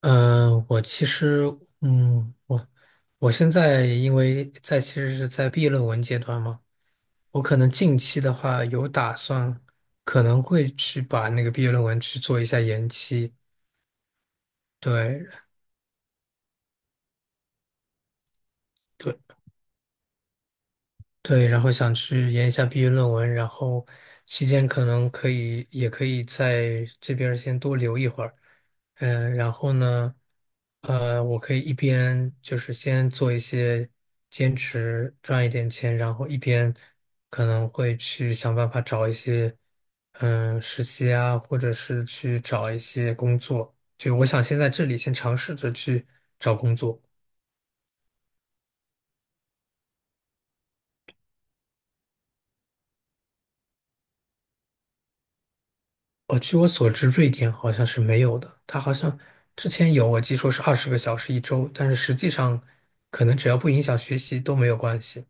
嗯，我其实，嗯，我现在因为在其实是在毕业论文阶段嘛，我可能近期的话有打算，可能会去把那个毕业论文去做一下延期。对对，对，然后想去研一下毕业论文，然后期间可能可以，也可以在这边儿先多留一会儿，嗯，然后呢，我可以一边就是先做一些兼职，赚一点钱，然后一边可能会去想办法找一些，嗯，实习啊，或者是去找一些工作。就我想先在这里先尝试着去找工作。据我所知，瑞典好像是没有的。它好像之前有，我记说是20个小时一周，但是实际上可能只要不影响学习都没有关系。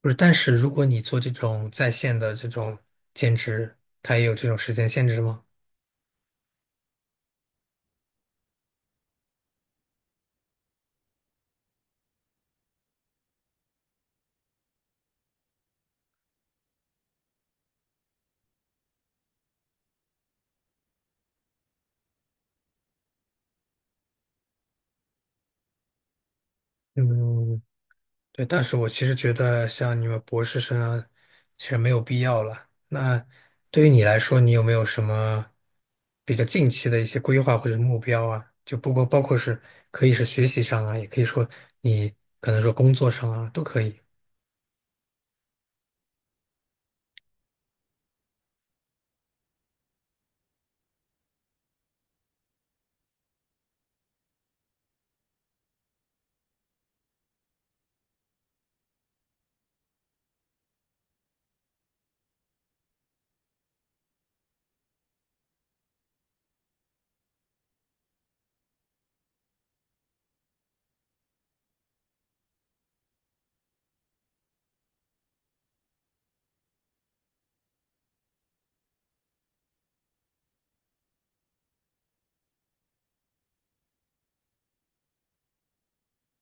不是，但是如果你做这种在线的这种兼职，它也有这种时间限制吗？嗯，对，但是我其实觉得像你们博士生啊，其实没有必要了。那对于你来说，你有没有什么比较近期的一些规划或者目标啊？就不过包括是可以是学习上啊，也可以说你可能说工作上啊，都可以。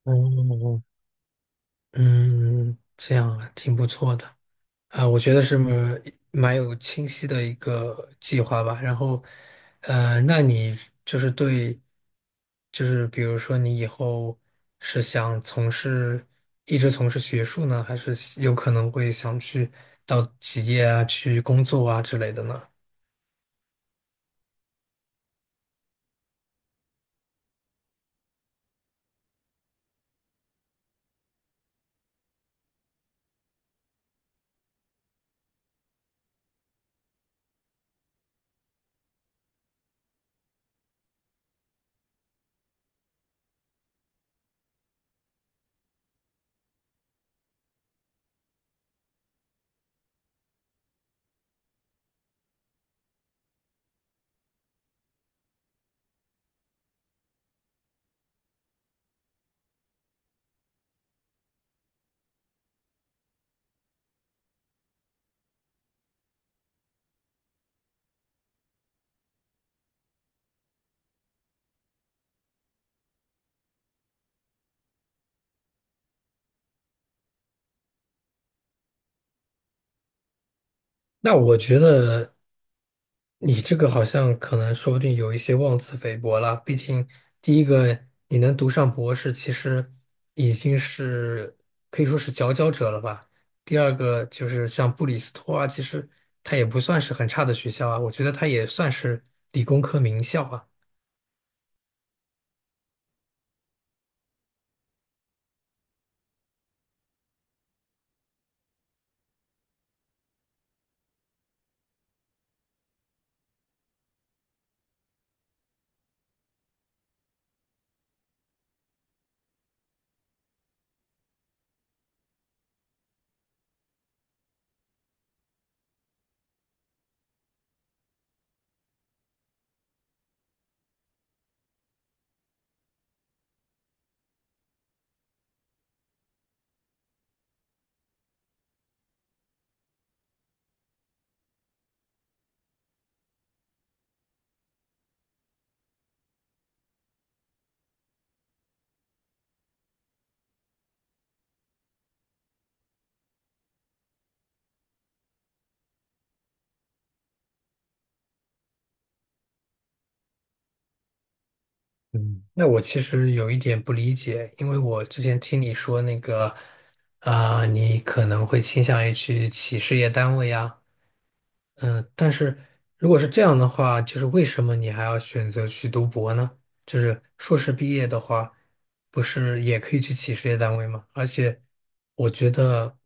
嗯，嗯，这样啊，挺不错的。啊，我觉得是蛮有清晰的一个计划吧。然后，那你就是对，就是比如说你以后是想从事，一直从事学术呢，还是有可能会想去到企业啊，去工作啊之类的呢？那我觉得。你这个好像可能说不定有一些妄自菲薄了，毕竟第一个你能读上博士，其实已经是可以说是佼佼者了吧。第二个就是像布里斯托啊，其实它也不算是很差的学校啊，我觉得它也算是理工科名校啊。嗯，那我其实有一点不理解，因为我之前听你说那个，你可能会倾向于去企事业单位呀。嗯，但是如果是这样的话，就是为什么你还要选择去读博呢？就是硕士毕业的话，不是也可以去企事业单位吗？而且我觉得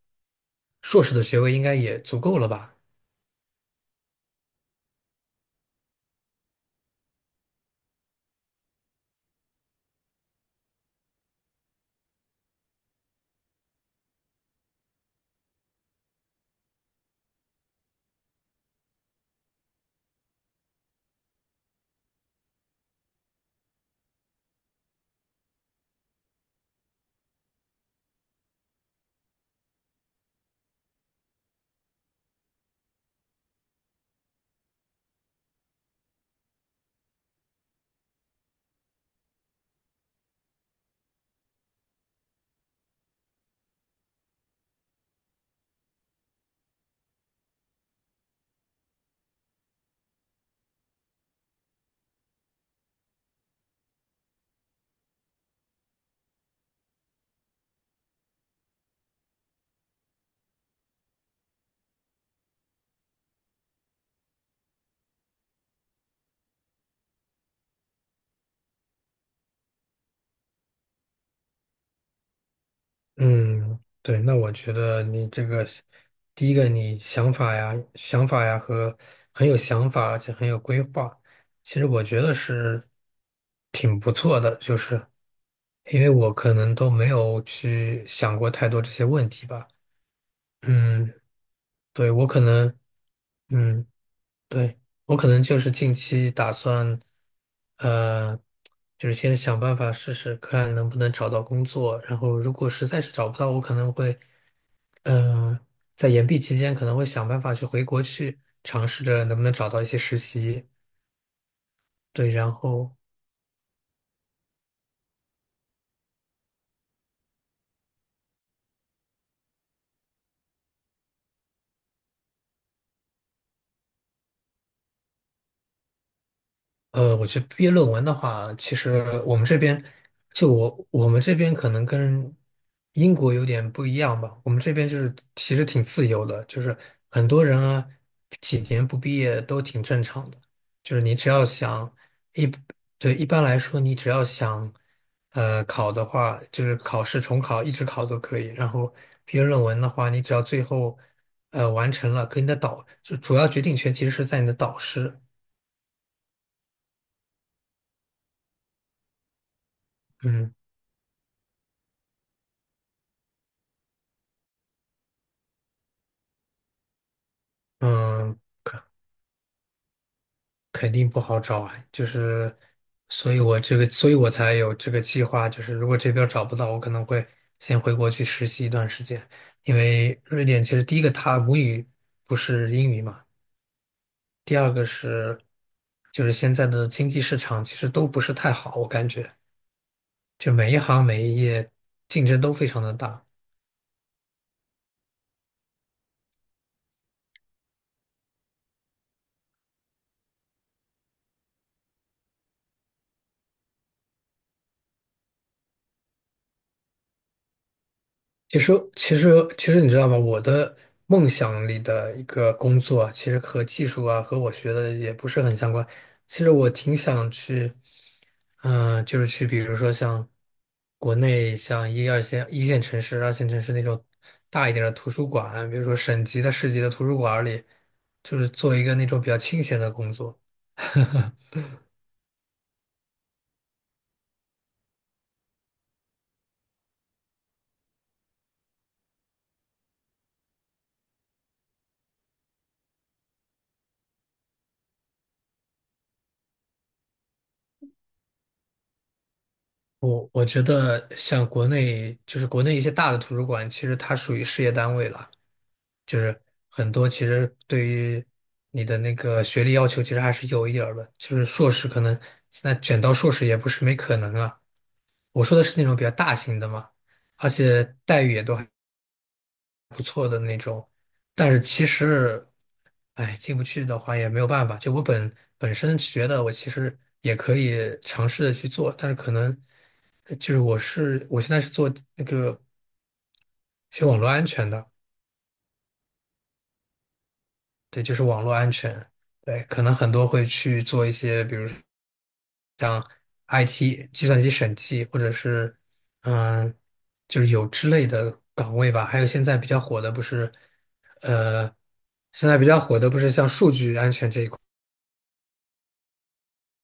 硕士的学位应该也足够了吧？嗯，对，那我觉得你这个是第一个，你想法呀、想法呀和很有想法，而且很有规划，其实我觉得是挺不错的，就是因为我可能都没有去想过太多这些问题吧。嗯，对，我可能，嗯，对，我可能就是近期打算，呃，就是先想办法试试看能不能找到工作，然后如果实在是找不到，我可能会。嗯，在延毕期间可能会想办法去回国去尝试着能不能找到一些实习，对，然后我觉得毕业论文的话，其实我们这边就我们这边可能跟英国有点不一样吧。我们这边就是其实挺自由的，就是很多人啊，几年不毕业都挺正常的。就是你只要想一，对，一般来说你只要想考的话，就是考试重考一直考都可以。然后毕业论文的话，你只要最后完成了，跟你的主要决定权其实是在你的导师。嗯。嗯，肯定不好找啊，就是，所以我这个，所以我才有这个计划，就是如果这边找不到，我可能会先回国去实习一段时间，因为瑞典其实第一个它母语不是英语嘛，第二个是就是现在的经济市场其实都不是太好，我感觉就每一行每一业竞争都非常的大。其实，其实，其实你知道吗？我的梦想里的一个工作啊其实和技术啊，和我学的也不是很相关。其实我挺想去，就是去，比如说像国内像一二线、一线城市、二线城市那种大一点的图书馆，比如说省级的、市级的图书馆里，就是做一个那种比较清闲的工作。我觉得像国内，就是国内一些大的图书馆，其实它属于事业单位了。就是很多其实对于你的那个学历要求，其实还是有一点儿的。就是硕士可能现在卷到硕士也不是没可能啊。我说的是那种比较大型的嘛，而且待遇也都还不错的那种。但是其实，哎，进不去的话也没有办法。就我本身学的，我其实也可以尝试的去做，但是可能就是我现在是做那个学网络安全的，对，就是网络安全。对，可能很多会去做一些，比如。像 IT 计算机审计或者是嗯，就是有之类的岗位吧。还有现在比较火的不是，呃，现在比较火的不是像数据安全这一块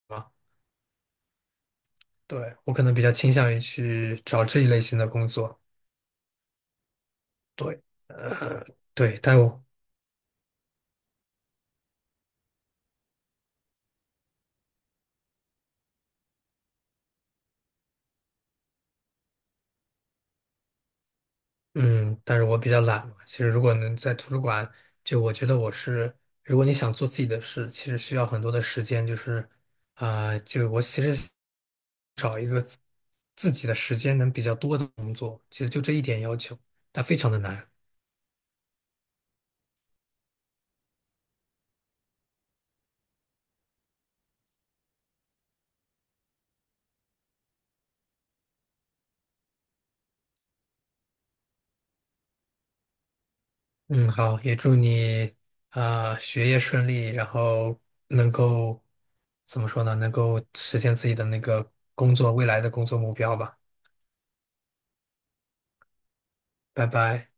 吗？对，我可能比较倾向于去找这一类型的工作。对，呃，对，但我嗯，但是我比较懒嘛。其实如果能在图书馆，就我觉得我是，如果你想做自己的事，其实需要很多的时间，就是，就我其实找一个自己的时间能比较多的工作，其实就这一点要求，但非常的难。嗯，好，也祝你学业顺利，然后能够怎么说呢？能够实现自己的那个工作，未来的工作目标吧。拜拜。